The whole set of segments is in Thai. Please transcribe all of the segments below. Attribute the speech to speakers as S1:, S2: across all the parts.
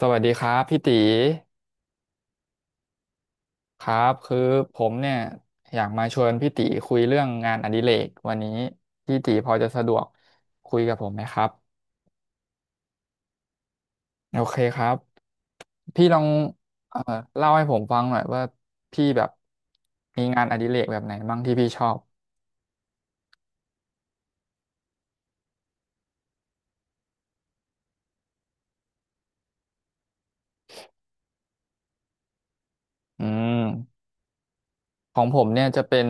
S1: สวัสดีครับพี่ตีครับคือผมเนี่ยอยากมาชวนพี่ตีคุยเรื่องงานอดิเรกวันนี้พี่ตีพอจะสะดวกคุยกับผมไหมครับโอเคครับพี่ลองเอ่อเล่าให้ผมฟังหน่อยว่าพี่แบบมีงานอดิเรกแบบไหนบ้างที่พี่ชอบอืมของผมเนี่ยจะเป็น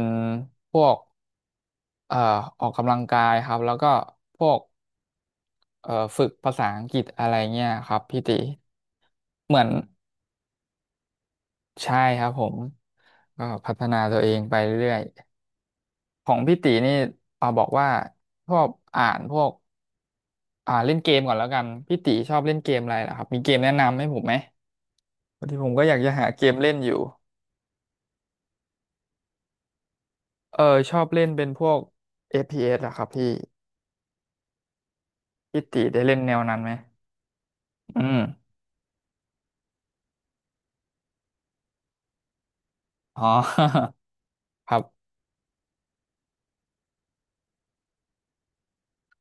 S1: พวกเอ่อออกกำลังกายครับแล้วก็พวกฝึกภาษาอังกฤษอะไรเงี้ยครับพี่ตีเหมือน ใช่ครับผมก็พัฒนาตัวเองไปเรื่อยๆของพี่ตีนี่เอาบอกว่าชอบอ่านพวกอ่าเล่นเกมก่อนแล้วกันพี่ตีชอบเล่นเกมอะไรล่ะครับมีเกมแนะนำให้ผมไหมพอดีผมก็อยากจะหาเกมเล่นอยู่เออชอบเล่นเป็นพวก FPS เหอะครับพี่พี่ตีได้เล่นแนวนั้นไหมอืมอ๋อ ครับ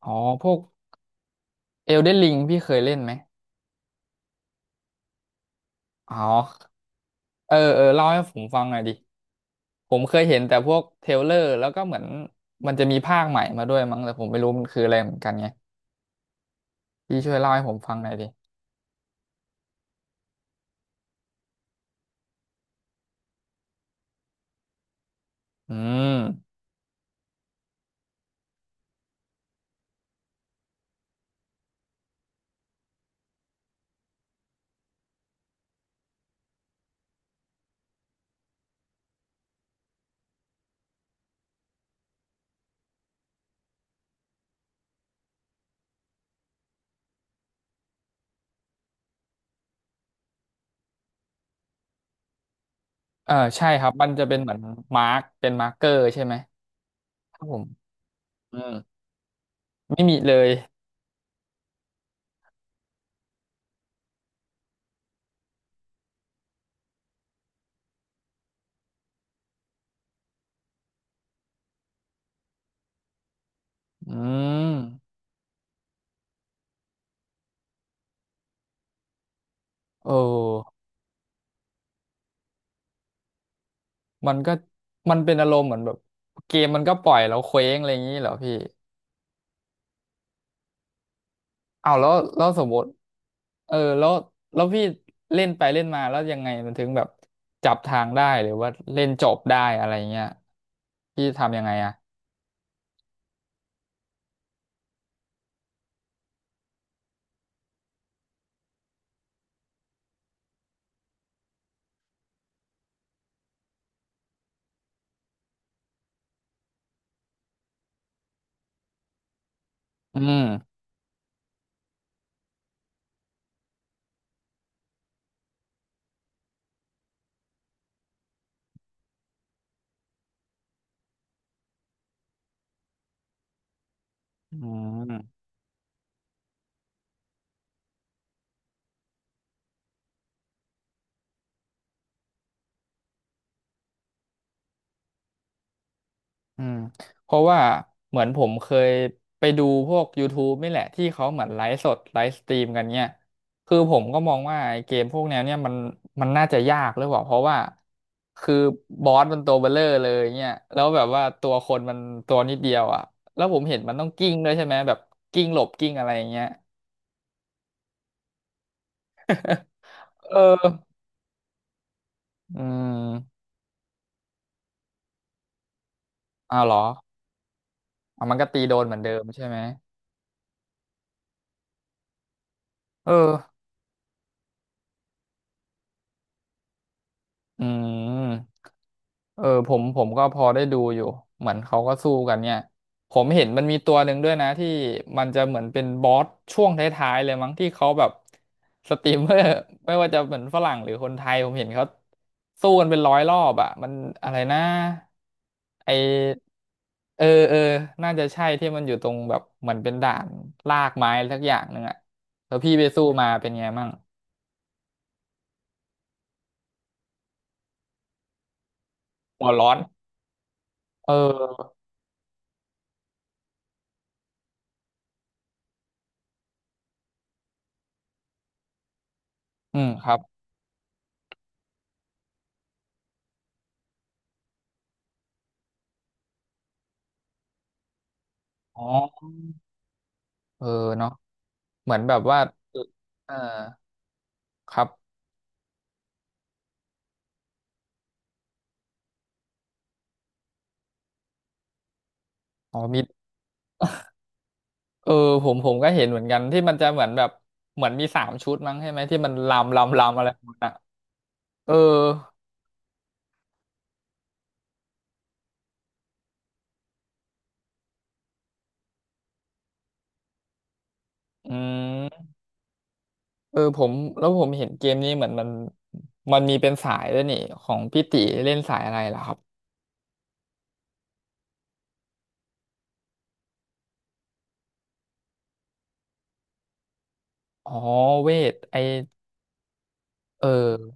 S1: อ๋อพวก Elden Ring พี่เคยเล่นไหมอ๋อเออเออเล่าให้ผมฟังหน่อยดิ ผมเคยเห็นแต่พวกเทรลเลอร์แล้วก็เหมือนมันจะมีภาคใหม่มาด้วยมั้งแต่ผมไม่รู้มันคืออะไรเหมือนกันไงพี่ช่วยเล่าให้ผมฟังหน่อยดิอืมเออใช่ครับมันจะเป็นเหมือนมาร์กเกอร์ใช่ไหมครับผมอืมไม่มีเลย อืมโอ้มันเป็นอารมณ์เหมือนแบบเกมมันก็ปล่อยเราเคว้งอะไรอย่างนี้เหรอพี่ อ้าวแล้วสมมติเออแล้วพี่เล่นไปเล่นมาแล้วยังไงมันถึงแบบจับทางได้หรือว่าเล่นจบได้อะไรเงี้ยพี่ทำยังไงอ่ะอืมอืม อืมเพราะว่าเหมือนผมเคยไปดูพวก YouTube นี่แหละที่เขาเหมือนไลฟ์สดไลฟ์สตรีมกันเนี่ยคือผมก็มองว่าไอ้เกมพวกแนวเนี่ยมันน่าจะยากหรือเปล่าเพราะว่าคือบอสมันตัวเบลเลอร์เลยเนี่ยแล้วแบบว่าตัวคนมันตัวนิดเดียวอ่ะแล้วผมเห็นมันต้องกิ้งด้วยใช่ไหมแบบกิ้งหลบกิ้งอะไรอย่างเงี้ยเอออืมอ้าวเหรออ่ะมันก็ตีโดนเหมือนเดิมใช่ไหมเอออืม เออผมก็พอได้ดูอยู่เหมือนเขาก็สู้กันเนี่ยผมเห็นมันมีตัวหนึ่งด้วยนะที่มันจะเหมือนเป็นบอสช่วงท้ายๆเลยมั้งที่เขาแบบสตรีมเมอร์ ไม่ว่าจะเหมือนฝรั่งหรือคนไทยผมเห็นเขาสู้กันเป็นร้อยรอบอ่ะมันอะไรนะไอเออเออน่าจะใช่ที่มันอยู่ตรงแบบเหมือนเป็นด่านลากไม้สักอย่างหนึ่งอ่ะแล้วพี่ไปสู้มาเป็นไงมั่งหัวร้อนเออครับอ๋อเออเนาะ เหมือนแบบว่าเอาครับอ๋อมีเออผมก็เห็นเหมือนกันที่มันจะเหมือนแบบเหมือนมีสามชุดมั้งใช่ไหมที่มันลำลำลำอะไรหมดอ่ะเอออืมผมแล้วผมเห็นเกมนี้เหมือนมันมีเป็นสายด้วยนี่ของพี่ติเล่นสายอะไรล่ะครับอ๋อเวทไอเออ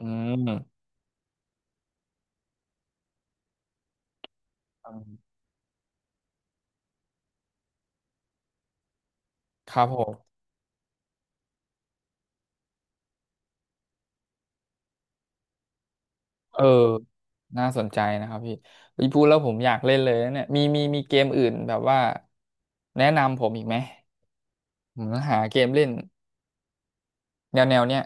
S1: อืมอืมครับผมเออ น่าสนใจนะครับพี่พี่พูดแล้วผมอยากเล่นเลยนะเนี่ยมี มีเกมอื่นแบบว่าแนะนำผมอีกไหม อืมหาเกมเล่นแนวเนี้ย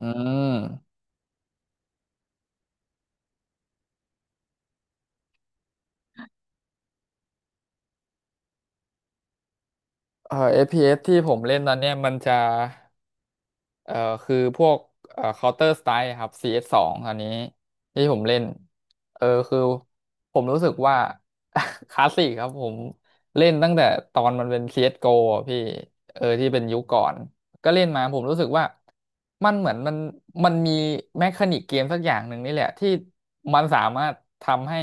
S1: อืม เอ s ที่ผมเล่นตอนเนี้ยมันจะเอ่อคือพวกCounter Strike ครับซีเอสสองตอนนี้ที่ผมเล่น เออ คือผมรู้สึกว่า คลาสสิกครับผมเล่นตั้งแต่ตอนมันเป็นซี c s g โกอะพี่ เออ ที่เป็นยุคก่อน ก็เล่นมาผมรู้สึกว่ามันเหมือนมันมันมีแมคานิกเกมสักอย่างหนึ่งนี่แหละที่มันสามารถทำให้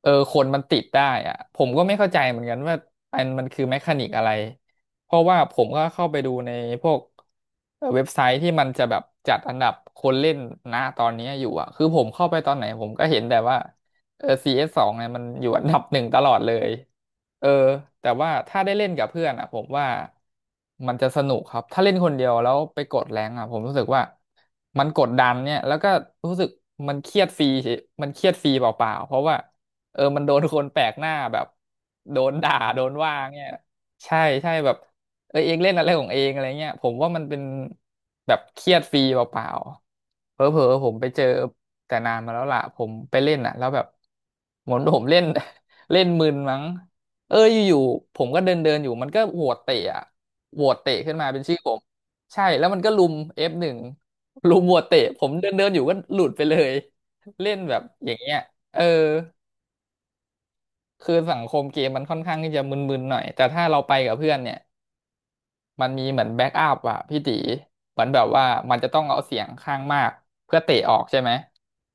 S1: เออคนมันติดได้อะผมก็ไม่เข้าใจเหมือนกันว่าอันมันคือแมคานิกอะไรเพราะว่าผมก็เข้าไปดูในพวกเว็บไซต์ที่มันจะแบบจัดอันดับคนเล่นนะตอนนี้อยู่อะคือผมเข้าไปตอนไหนผมก็เห็นแต่ว่าเออซีเอสสองเนี่ยมันอยู่อันดับหนึ่งตลอดเลย เออแต่ว่าถ้าได้เล่นกับเพื่อนอ่ะผมว่ามันจะสนุกครับถ้าเล่นคนเดียวแล้วไปกดแรงอ่ะผมรู้สึกว่ามันกดดันเนี่ยแล้วก็รู้สึกมันเครียดฟรีเฉยมันเครียดฟรีเปล่าๆเพราะว่าเออมันโดนคนแปลกหน้าแบบโดนด่าโดนว่าเนี่ยใช่ใช่แบบเออเองเล่นอะไรของเองอะไรเงี้ยผมว่ามันเป็นแบบเครียดฟรีเปล่าๆเผลอๆผมไปเจอแต่นานมาแล้วล่ะผมไปเล่นอ่ะแล้วแบบเหมือนผมเล่น เล่นมึนมั้ง เอออยู่ๆผมก็เดินเดินอยู่มันก็โหวตเตะอะโหวตเตะขึ้นมาเป็นชื่อผมใช่แล้วมันก็ลุมF1ลุมโหวตเตะผมเดินเดินอยู่ก็หลุดไปเลยเล่นแบบอย่างเงี้ยเออคือสังคมเกมมันค่อนข้างที่จะมึนๆหน่อยแต่ถ้าเราไปกับเพื่อนเนี่ย มันมีเหมือนแบ็กอัพอะพี่ตีเหมือนแบบว่ามันจะต้องเอาเสียงข้างมากเพื่อเตะออกใช่ไหม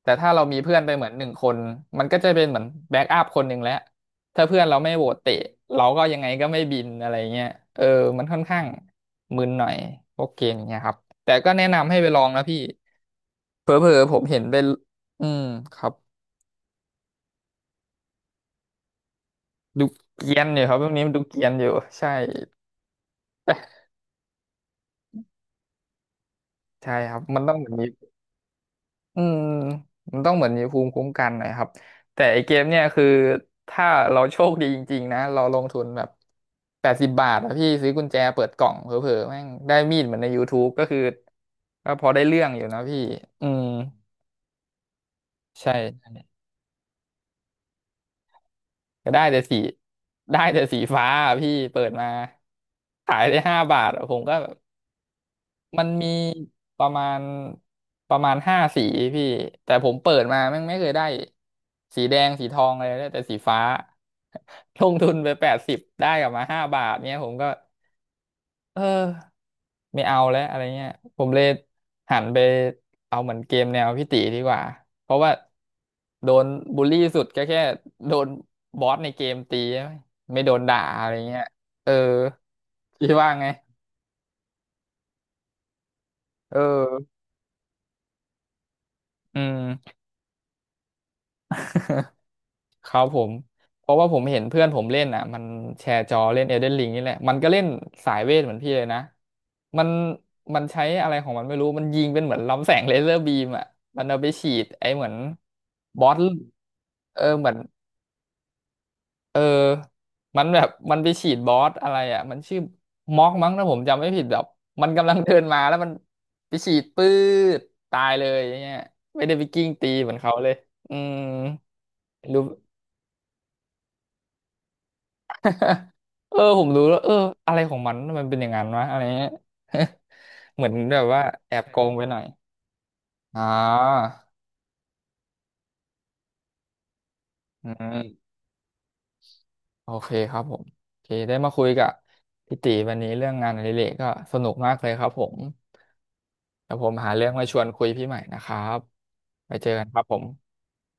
S1: แต่ถ้าเรามีเพื่อนไปเหมือนหนึ่งคนมันก็จะเป็นเหมือนแบ็กอัพคนหนึ่งแล้วถ้าเพื่อนเราไม่โหวตเตะเราก็ยังไงก็ไม่บินอะไรเงี้ยเออมันค่อนข้างมึนหน่อยพวกเกมอย่างเงี้ยครับแต่ก็แนะนำให้ไปลองนะพี่เผลอๆผมเห็นเป็นอืมครับดูเกรียนอยู่ครับพวกนี้มันดูเกรียนอยู่ใช่ใช่ครับมันต้องแบบนี้ อืมมันต้องเหมือนมีภูมิคุ้มกันหนอยครับแต่ไอเกมเนี่ยคือถ้าเราโชคดีจริงๆนะเราลงทุนแบบ80 บาทอะพี่ซื้อกุญแจเปิดกล่องเผลอๆแม่งได้มีดเหมือนใน YouTube ก็คือก็พอได้เรื่องอยู่นะพี่อืมใช่ก็ได้แต่สีได้แต่สีฟ้าอะพี่เปิดมาขายได้ห้าบาทอะผมก็แบบ มันมีประมาณประมาณ5 สีพี่แต่ผมเปิดมาแม่งไม่เคยได้สีแดงสีทองอะไรได้แต่สีฟ้า ลงทุนไป80ได้กลับมาห้าบาทเนี้ยผมก็เออไม่เอาแล้วอะไรเงี้ยผมเลยหันไปเอาเหมือนเกมแนวพี่ตีดีกว่าเพราะว่าโดนบูลลี่สุดก็แค่โดนบอสในเกมตีไม่โดนด่าอะไรเงี้ยเออพี่ว่าไงเอออืม ครับผมเพราะว่าผมเห็นเพื่อนผมเล่นอ่ะมันแชร์จอเล่น Elden Ring นี่แหละมันก็เล่นสายเวทเหมือนพี่เลยนะมันมันใช้อะไรของมันไม่รู้มันยิงเป็นเหมือนลำแสงเลเซอร์บีมอ่ะมันเอาไปฉีดไอ้เหมือนบอสเออเหมือนเออมันแบบมันไปฉีดบอสอะไรอ่ะมันชื่อม็อกมั้งถ้าผมจำไม่ผิดแบบมันกำลังเดินมาแล้วมันไปฉีดปื๊ดตายเลยอย่างเงี้ยไม่ได้ไปกิ้งตีเหมือนเขาเลยอืมรู้ ผมรู้แล้วเอออะไรของมันทำไมมันเป็นอย่างนั้นวะอะไรเงี้ย เหมือนแบบว่าแอบโกงไปหน่อยอ่าอืมโอเคครับผมโอเคได้มาคุยกับพี่ตีวันนี้เรื่องงานอดิเรกก็สนุกมากเลยครับผมแต่ผมหาเรื่องมาชวนคุยพี่ใหม่นะครับไปเจอกันครับผม